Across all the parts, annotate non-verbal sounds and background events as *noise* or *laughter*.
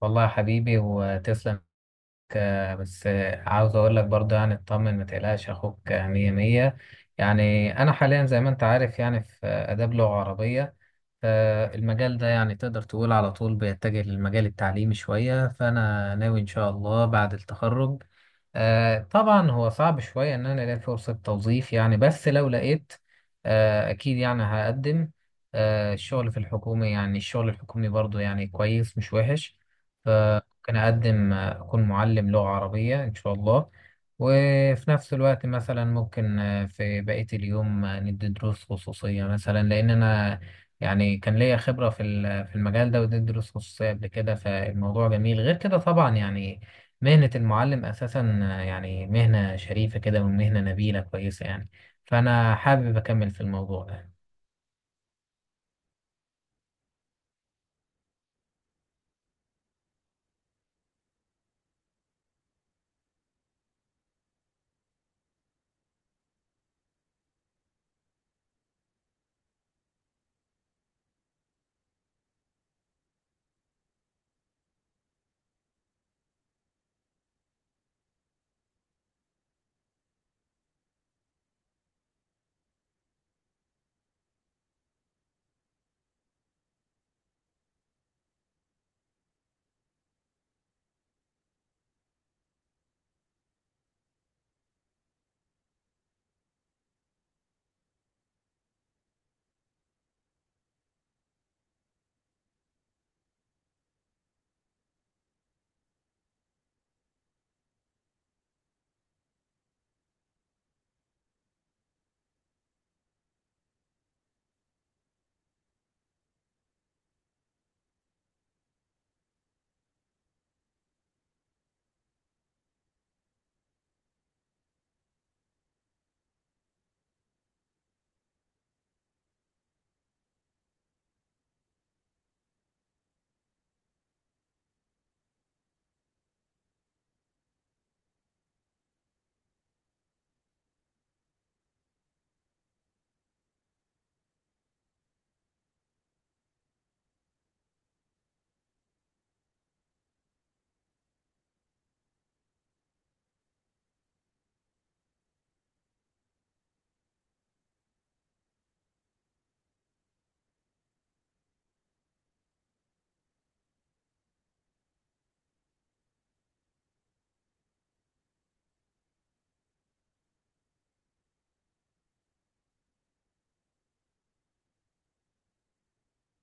والله يا حبيبي وتسلم. بس عاوز اقول لك برضه يعني اطمن، ما تقلقش اخوك مية مية. يعني انا حاليا زي ما انت عارف يعني في اداب لغة عربية، فالمجال ده يعني تقدر تقول على طول بيتجه للمجال التعليمي شوية، فأنا ناوي إن شاء الله بعد التخرج. طبعا هو صعب شوية إن أنا ألاقي فرصة توظيف يعني، بس لو لقيت أكيد يعني هقدم. الشغل في الحكومة يعني الشغل الحكومي برضو يعني كويس مش وحش. فممكن أقدم أكون معلم لغة عربية إن شاء الله. وفي نفس الوقت مثلا ممكن في بقية اليوم ندي دروس خصوصية مثلا، لأن أنا يعني كان ليا خبرة في المجال ده، واديت دروس خصوصية قبل كده، فالموضوع جميل. غير كده طبعا يعني مهنة المعلم أساسا يعني مهنة شريفة كده ومهنة نبيلة كويسة يعني، فأنا حابب أكمل في الموضوع ده.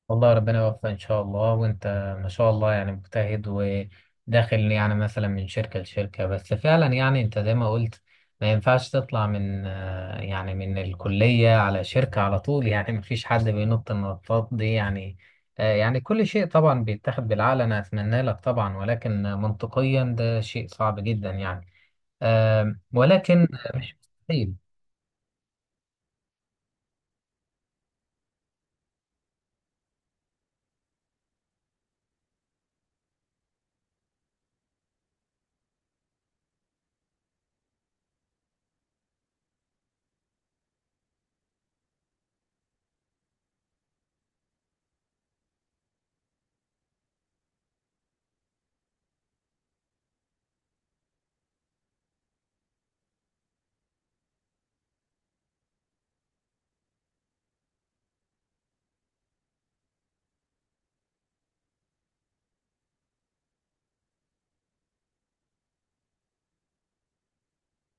والله ربنا يوفقك ان شاء الله. وانت ما شاء الله يعني مجتهد، وداخل يعني مثلا من شركة لشركة، بس فعلا يعني انت زي ما قلت ما ينفعش تطلع من يعني من الكلية على شركة على طول *laughs* يعني ما فيش حد بينط النطاط دي يعني. يعني كل شيء طبعا بيتاخد بالعقل، انا اتمنى لك طبعا ولكن منطقيا ده شيء صعب جدا يعني. ولكن مش مستحيل.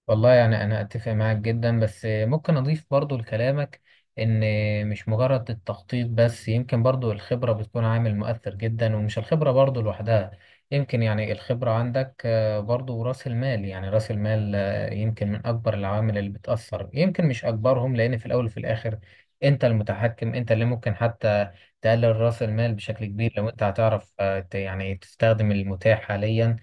والله يعني أنا أتفق معاك جدا، بس ممكن أضيف برضو لكلامك إن مش مجرد التخطيط بس، يمكن برضو الخبرة بتكون عامل مؤثر جدا، ومش الخبرة برضو لوحدها، يمكن يعني الخبرة عندك برضو رأس المال. يعني رأس المال يمكن من أكبر العوامل اللي بتأثر، يمكن مش أكبرهم، لأن في الأول وفي الآخر أنت المتحكم، أنت اللي ممكن حتى تقلل رأس المال بشكل كبير لو أنت هتعرف يعني تستخدم المتاح حاليا.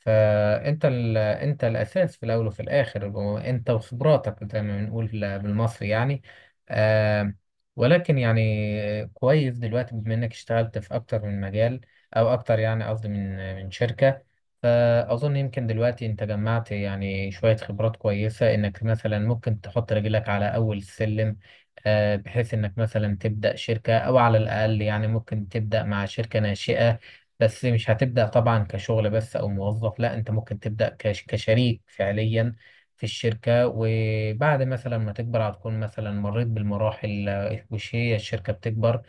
فانت انت الاساس في الاول وفي الاخر، انت وخبراتك زي ما بنقول بالمصري يعني. آه ولكن يعني كويس دلوقتي بما انك اشتغلت في اكتر من مجال، او اكتر يعني قصدي من شركة. فاظن يمكن دلوقتي انت جمعت يعني شوية خبرات كويسة انك مثلا ممكن تحط رجلك على اول السلم، بحيث انك مثلا تبدأ شركة، او على الاقل يعني ممكن تبدأ مع شركة ناشئة. بس مش هتبدأ طبعا كشغل بس أو موظف، لا أنت ممكن تبدأ كشريك فعليا في الشركة، وبعد مثلا ما تكبر هتكون مثلا مريت بالمراحل وش هي الشركة بتكبر.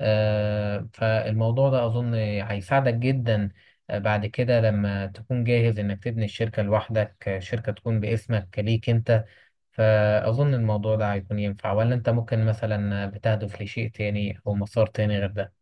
فالموضوع ده أظن هيساعدك جدا. بعد كده لما تكون جاهز إنك تبني الشركة لوحدك، شركة تكون باسمك ليك أنت. فأظن الموضوع ده هيكون ينفع، ولا أنت ممكن مثلا بتهدف لشيء تاني أو مسار تاني غير ده؟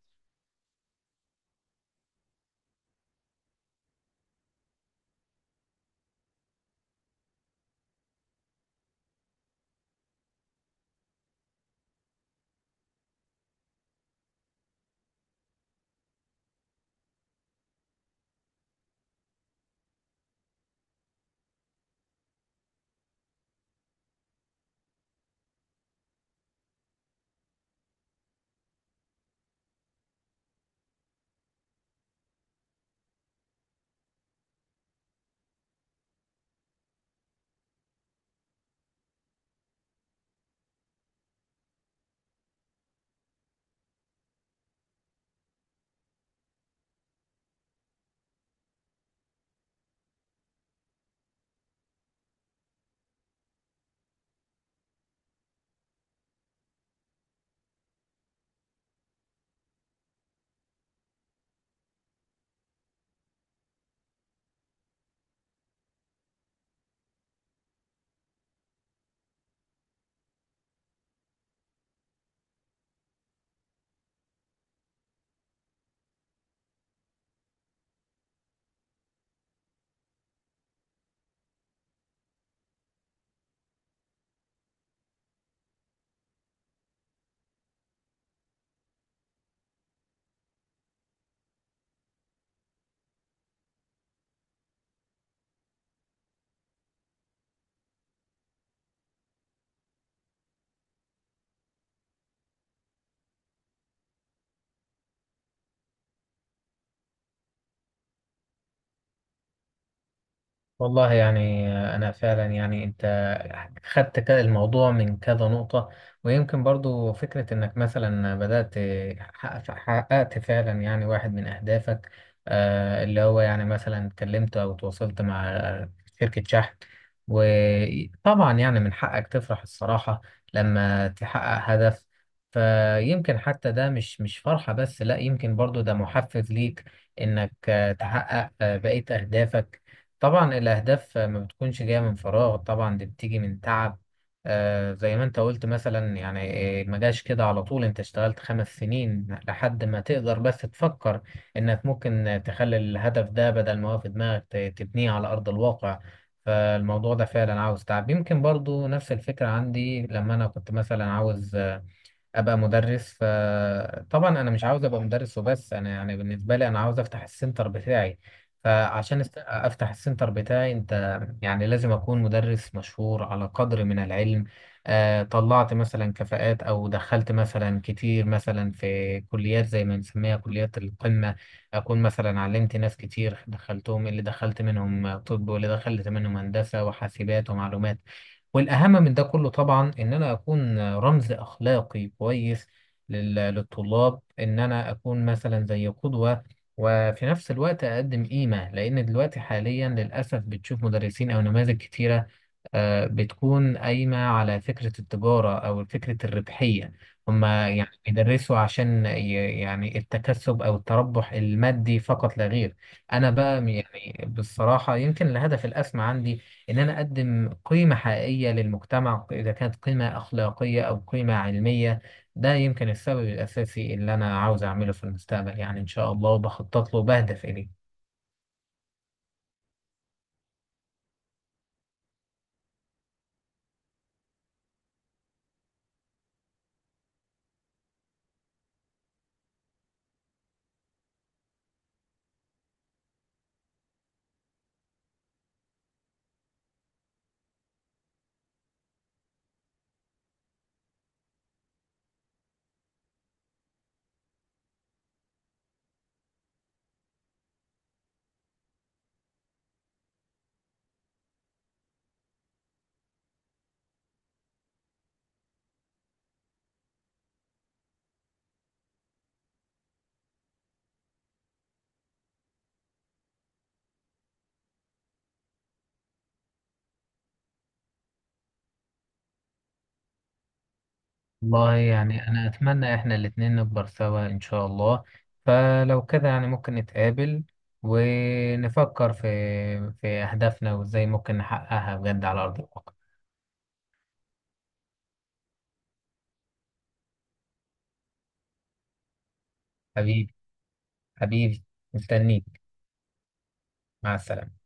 والله يعني أنا فعلا يعني أنت خدت الموضوع من كذا نقطة، ويمكن برضو فكرة إنك مثلا بدأت حققت فعلا يعني واحد من أهدافك، اللي هو يعني مثلا اتكلمت أو تواصلت مع شركة شحن. وطبعا يعني من حقك تفرح الصراحة لما تحقق هدف، فيمكن حتى ده مش فرحة بس، لا يمكن برضو ده محفز ليك إنك تحقق بقية أهدافك. طبعا الأهداف ما بتكونش جاية من فراغ، طبعا دي بتيجي من تعب. زي ما انت قلت مثلا، يعني ما جاش كده على طول، انت اشتغلت 5 سنين لحد ما تقدر بس تفكر انك ممكن تخلي الهدف ده، بدل ما هو في دماغك، تبنيه على أرض الواقع. فالموضوع ده فعلا عاوز تعب. يمكن برضو نفس الفكرة عندي لما أنا كنت مثلا عاوز ابقى مدرس. طبعا انا مش عاوز ابقى مدرس وبس، انا يعني بالنسبه لي انا عاوز افتح السنتر بتاعي. فعشان افتح السنتر بتاعي، انت يعني لازم اكون مدرس مشهور على قدر من العلم، طلعت مثلا كفاءات او دخلت مثلا كتير مثلا في كليات زي ما بنسميها كليات القمه. اكون مثلا علمت ناس كتير دخلتهم، اللي دخلت منهم طب واللي دخلت منهم هندسه وحاسبات ومعلومات. والأهم من ده كله طبعا إن أنا أكون رمز أخلاقي كويس للطلاب، إن أنا أكون مثلا زي قدوة. وفي نفس الوقت أقدم قيمة، لأن دلوقتي حاليا للأسف بتشوف مدرسين أو نماذج كتيرة بتكون قايمة على فكرة التجارة أو فكرة الربحية. هما يعني بيدرسوا عشان يعني التكسب أو التربح المادي فقط لا غير. أنا بقى يعني بالصراحة يمكن الهدف الأسمى عندي إن أنا أقدم قيمة حقيقية للمجتمع، إذا كانت قيمة أخلاقية أو قيمة علمية. ده يمكن السبب الأساسي اللي أنا عاوز أعمله في المستقبل، يعني إن شاء الله، وبخطط له وبهدف إليه. والله يعني أنا أتمنى إحنا الاتنين نكبر سوا إن شاء الله. فلو كده يعني ممكن نتقابل ونفكر في أهدافنا وإزاي ممكن نحققها بجد على أرض الواقع. حبيبي، حبيبي، مستنيك. مع السلامة.